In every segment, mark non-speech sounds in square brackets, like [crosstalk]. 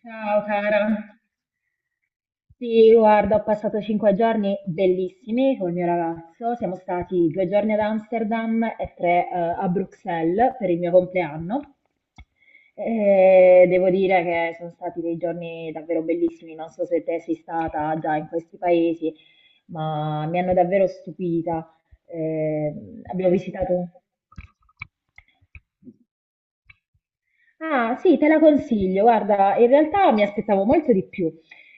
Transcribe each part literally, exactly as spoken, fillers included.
Ciao cara. Sì, guarda, ho passato cinque giorni bellissimi col mio ragazzo. Siamo stati due giorni ad Amsterdam e tre, eh, a Bruxelles per il mio compleanno. E devo dire che sono stati dei giorni davvero bellissimi. Non so se te sei stata già in questi paesi, ma mi hanno davvero stupita. Eh, abbiamo visitato. Ah, sì, te la consiglio. Guarda, in realtà mi aspettavo molto di più,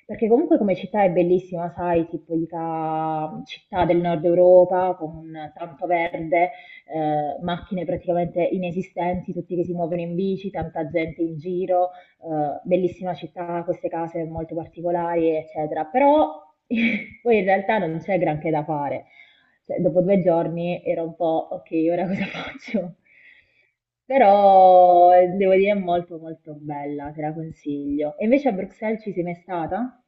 perché comunque come città è bellissima, sai, tipica città del nord Europa con tanto verde, eh, macchine praticamente inesistenti, tutti che si muovono in bici, tanta gente in giro, eh, bellissima città, queste case molto particolari, eccetera. Però [laughs] poi in realtà non c'è granché da fare. Cioè, dopo due giorni era un po', ok, ora cosa [laughs] faccio? Però eh, devo dire è molto molto bella, te la consiglio. E invece a Bruxelles ci sei mai stata?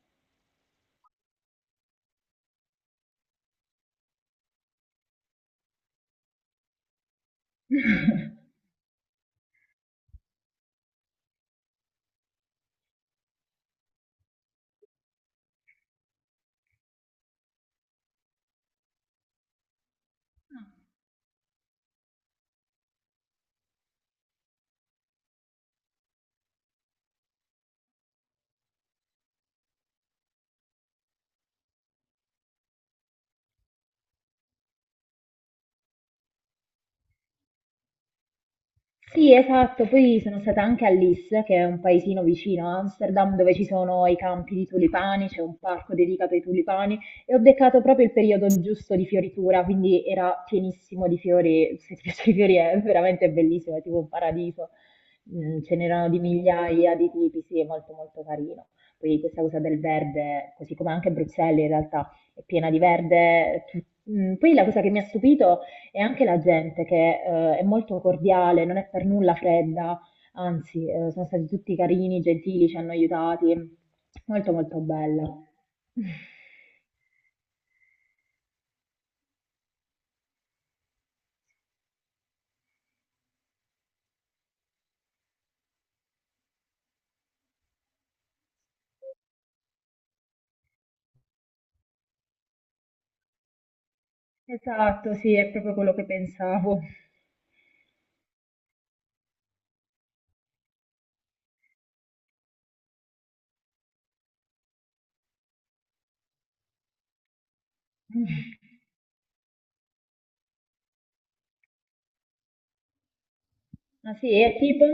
[laughs] Sì, esatto, poi sono stata anche a Lis, che è un paesino vicino a Amsterdam, dove ci sono i campi di tulipani, c'è un parco dedicato ai tulipani e ho beccato proprio il periodo giusto di fioritura, quindi era pienissimo di fiori, se ti [laughs] piace i fiori è veramente bellissimo, è tipo un paradiso, Mm, ce n'erano di migliaia di tipi, sì, è molto molto carino. Poi questa cosa del verde, così come anche Bruxelles in realtà è piena di verde. Tu- Mm, Poi la cosa che mi ha stupito e anche la gente che eh, è molto cordiale, non è per nulla fredda, anzi, eh, sono stati tutti carini, gentili, ci hanno aiutati. Molto molto bella. [laughs] Esatto, sì, è proprio quello che pensavo. [laughs] Ah sì, e tipo?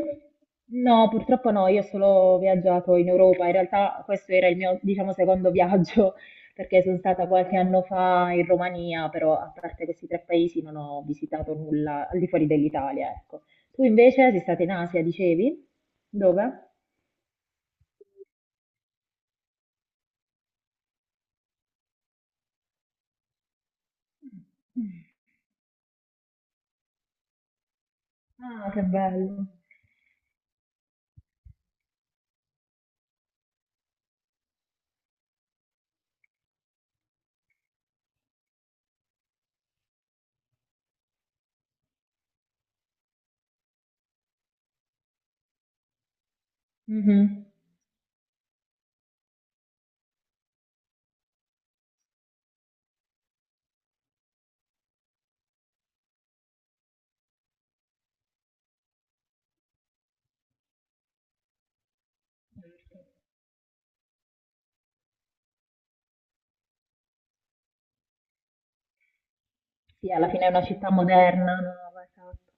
No, purtroppo no, io ho solo viaggiato in Europa, in realtà questo era il mio, diciamo, secondo viaggio, [laughs] perché sono stata qualche anno fa in Romania, però a parte questi tre paesi non ho visitato nulla al di fuori dell'Italia, ecco. Tu invece sei stata in Asia, dicevi? Dove? Ah, che bello. Mhm. Sì, alla fine è una città moderna, nuova, esatto.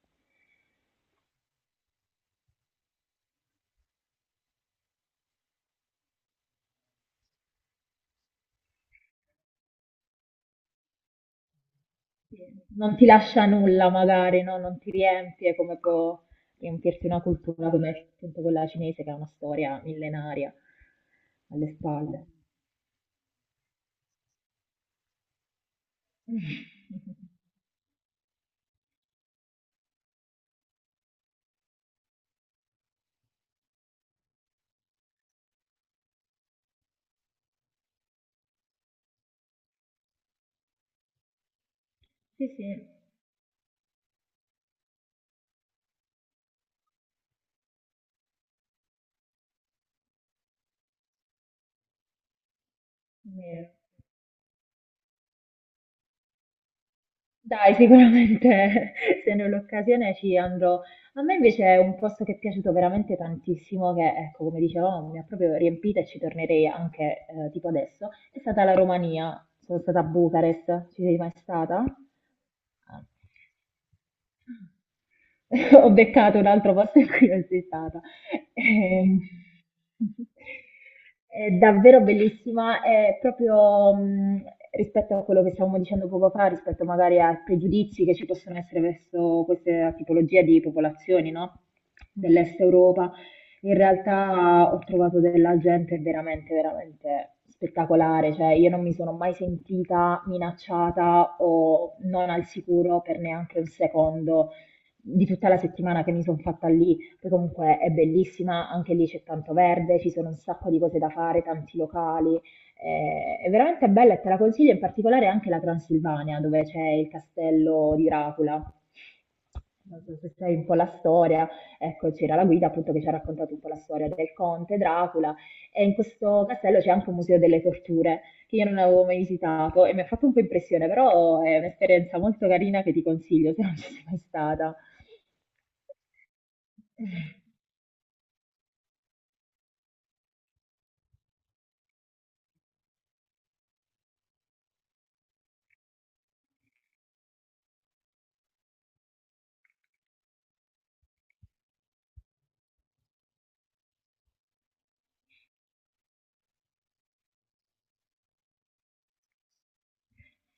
Sì, non ti lascia nulla magari, no? Non ti riempie come può riempirti una cultura come appunto quella cinese che ha una storia millenaria alle spalle. [laughs] Sì, sì, è vero. Dai, sicuramente [laughs] se ne ho l'occasione ci andrò. A me invece è un posto che è piaciuto veramente tantissimo, che ecco, come dicevamo, mi ha proprio riempita e ci tornerei anche eh, tipo adesso. È stata la Romania, sono stata a Bucarest, ci sei mai stata? Ah. [laughs] Ho beccato un altro posto in cui non sei stata. Eh, [laughs] È davvero bellissima, è proprio mh, rispetto a quello che stavamo dicendo poco fa, rispetto magari ai pregiudizi che ci possono essere verso questa tipologia di popolazioni, no? Dell'Est Europa. In realtà ho trovato della gente veramente, veramente spettacolare, cioè io non mi sono mai sentita minacciata o non al sicuro per neanche un secondo di tutta la settimana che mi sono fatta lì, che comunque è bellissima, anche lì c'è tanto verde, ci sono un sacco di cose da fare, tanti locali, eh, è veramente bella e te la consiglio, in particolare anche la Transilvania, dove c'è il castello di Dracula. Non so se sai un po' la storia, ecco, c'era la guida appunto che ci ha raccontato un po' la storia del conte Dracula e in questo castello c'è anche un museo delle torture che io non avevo mai visitato e mi ha fatto un po' impressione, però è un'esperienza molto carina che ti consiglio se non ci sei mai stata.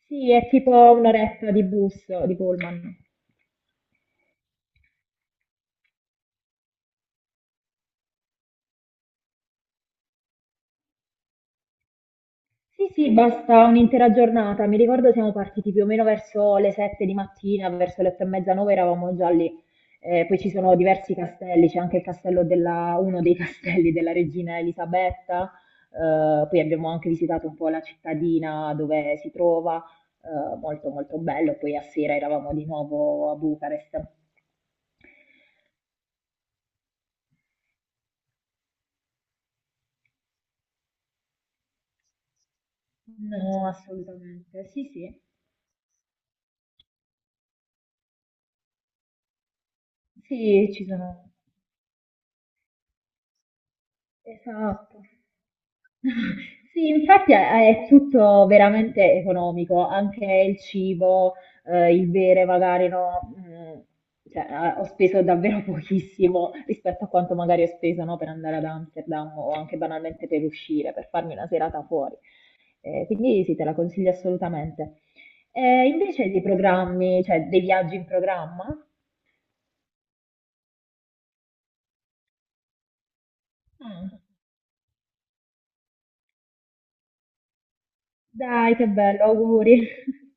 Sì, è tipo un'oretta di bus, di pullman. Sì, sì, basta un'intera giornata. Mi ricordo siamo partiti più o meno verso le sette di mattina, verso le otto e mezza, nove eravamo già lì. Eh, poi ci sono diversi castelli, c'è anche il castello della, uno dei [laughs] castelli della regina Elisabetta. Eh, poi abbiamo anche visitato un po' la cittadina dove si trova, eh, molto molto bello. Poi a sera eravamo di nuovo a Bucarest. No, assolutamente. Sì, sì. Sì, ci sono. Esatto. [laughs] Sì, infatti è, è tutto veramente economico, anche il cibo, eh, il bere magari no, mm, cioè, eh, ho speso davvero [laughs] pochissimo rispetto a quanto magari ho speso no, per andare ad Amsterdam o anche banalmente per uscire, per farmi una serata fuori. Eh, quindi sì, te la consiglio assolutamente. Eh, invece dei programmi, cioè dei viaggi in programma? Mm. Dai, che bello, auguri. [laughs]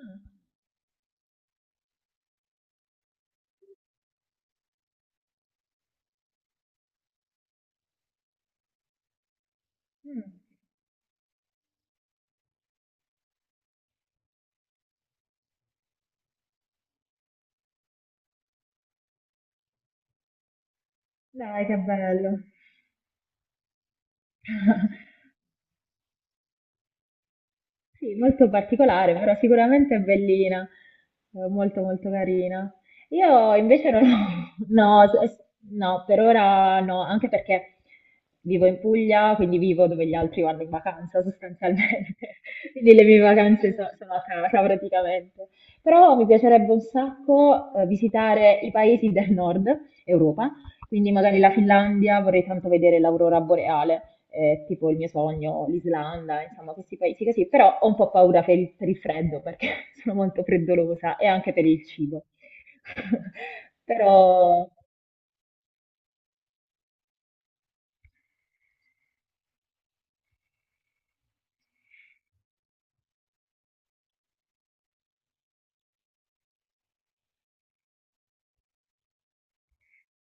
Mm, mm. Dai, che bello. [laughs] Sì, molto particolare, però sicuramente è bellina, eh, molto molto carina. Io invece non ho, [laughs] no, s- no, per ora no, anche perché vivo in Puglia, quindi vivo dove gli altri vanno in vacanza sostanzialmente, [laughs] quindi le mie vacanze so- sono a casa praticamente. Però mi piacerebbe un sacco eh, visitare i paesi del nord Europa, quindi magari la Finlandia, vorrei tanto vedere l'aurora boreale eh, tipo il mio sogno, l'Islanda, insomma questi paesi così, però ho un po' paura per il, per il freddo perché [laughs] sono molto freddolosa e anche per il cibo. [laughs] Però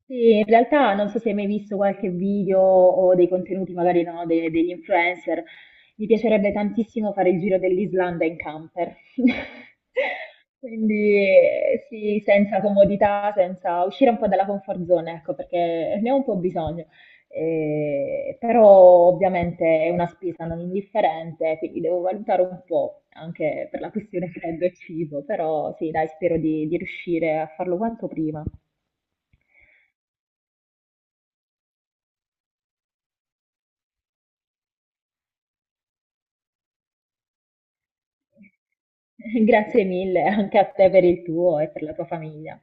sì, in realtà non so se hai mai visto qualche video o dei contenuti magari no, de- degli influencer, mi piacerebbe tantissimo fare il giro dell'Islanda in camper. [laughs] Quindi eh, sì, senza comodità, senza uscire un po' dalla comfort zone, ecco, perché ne ho un po' bisogno. Eh, però ovviamente è una spesa non indifferente, quindi devo valutare un po' anche per la questione freddo e cibo, però sì, dai, spero di di riuscire a farlo quanto prima. Grazie mille anche a te per il tuo e per la tua famiglia.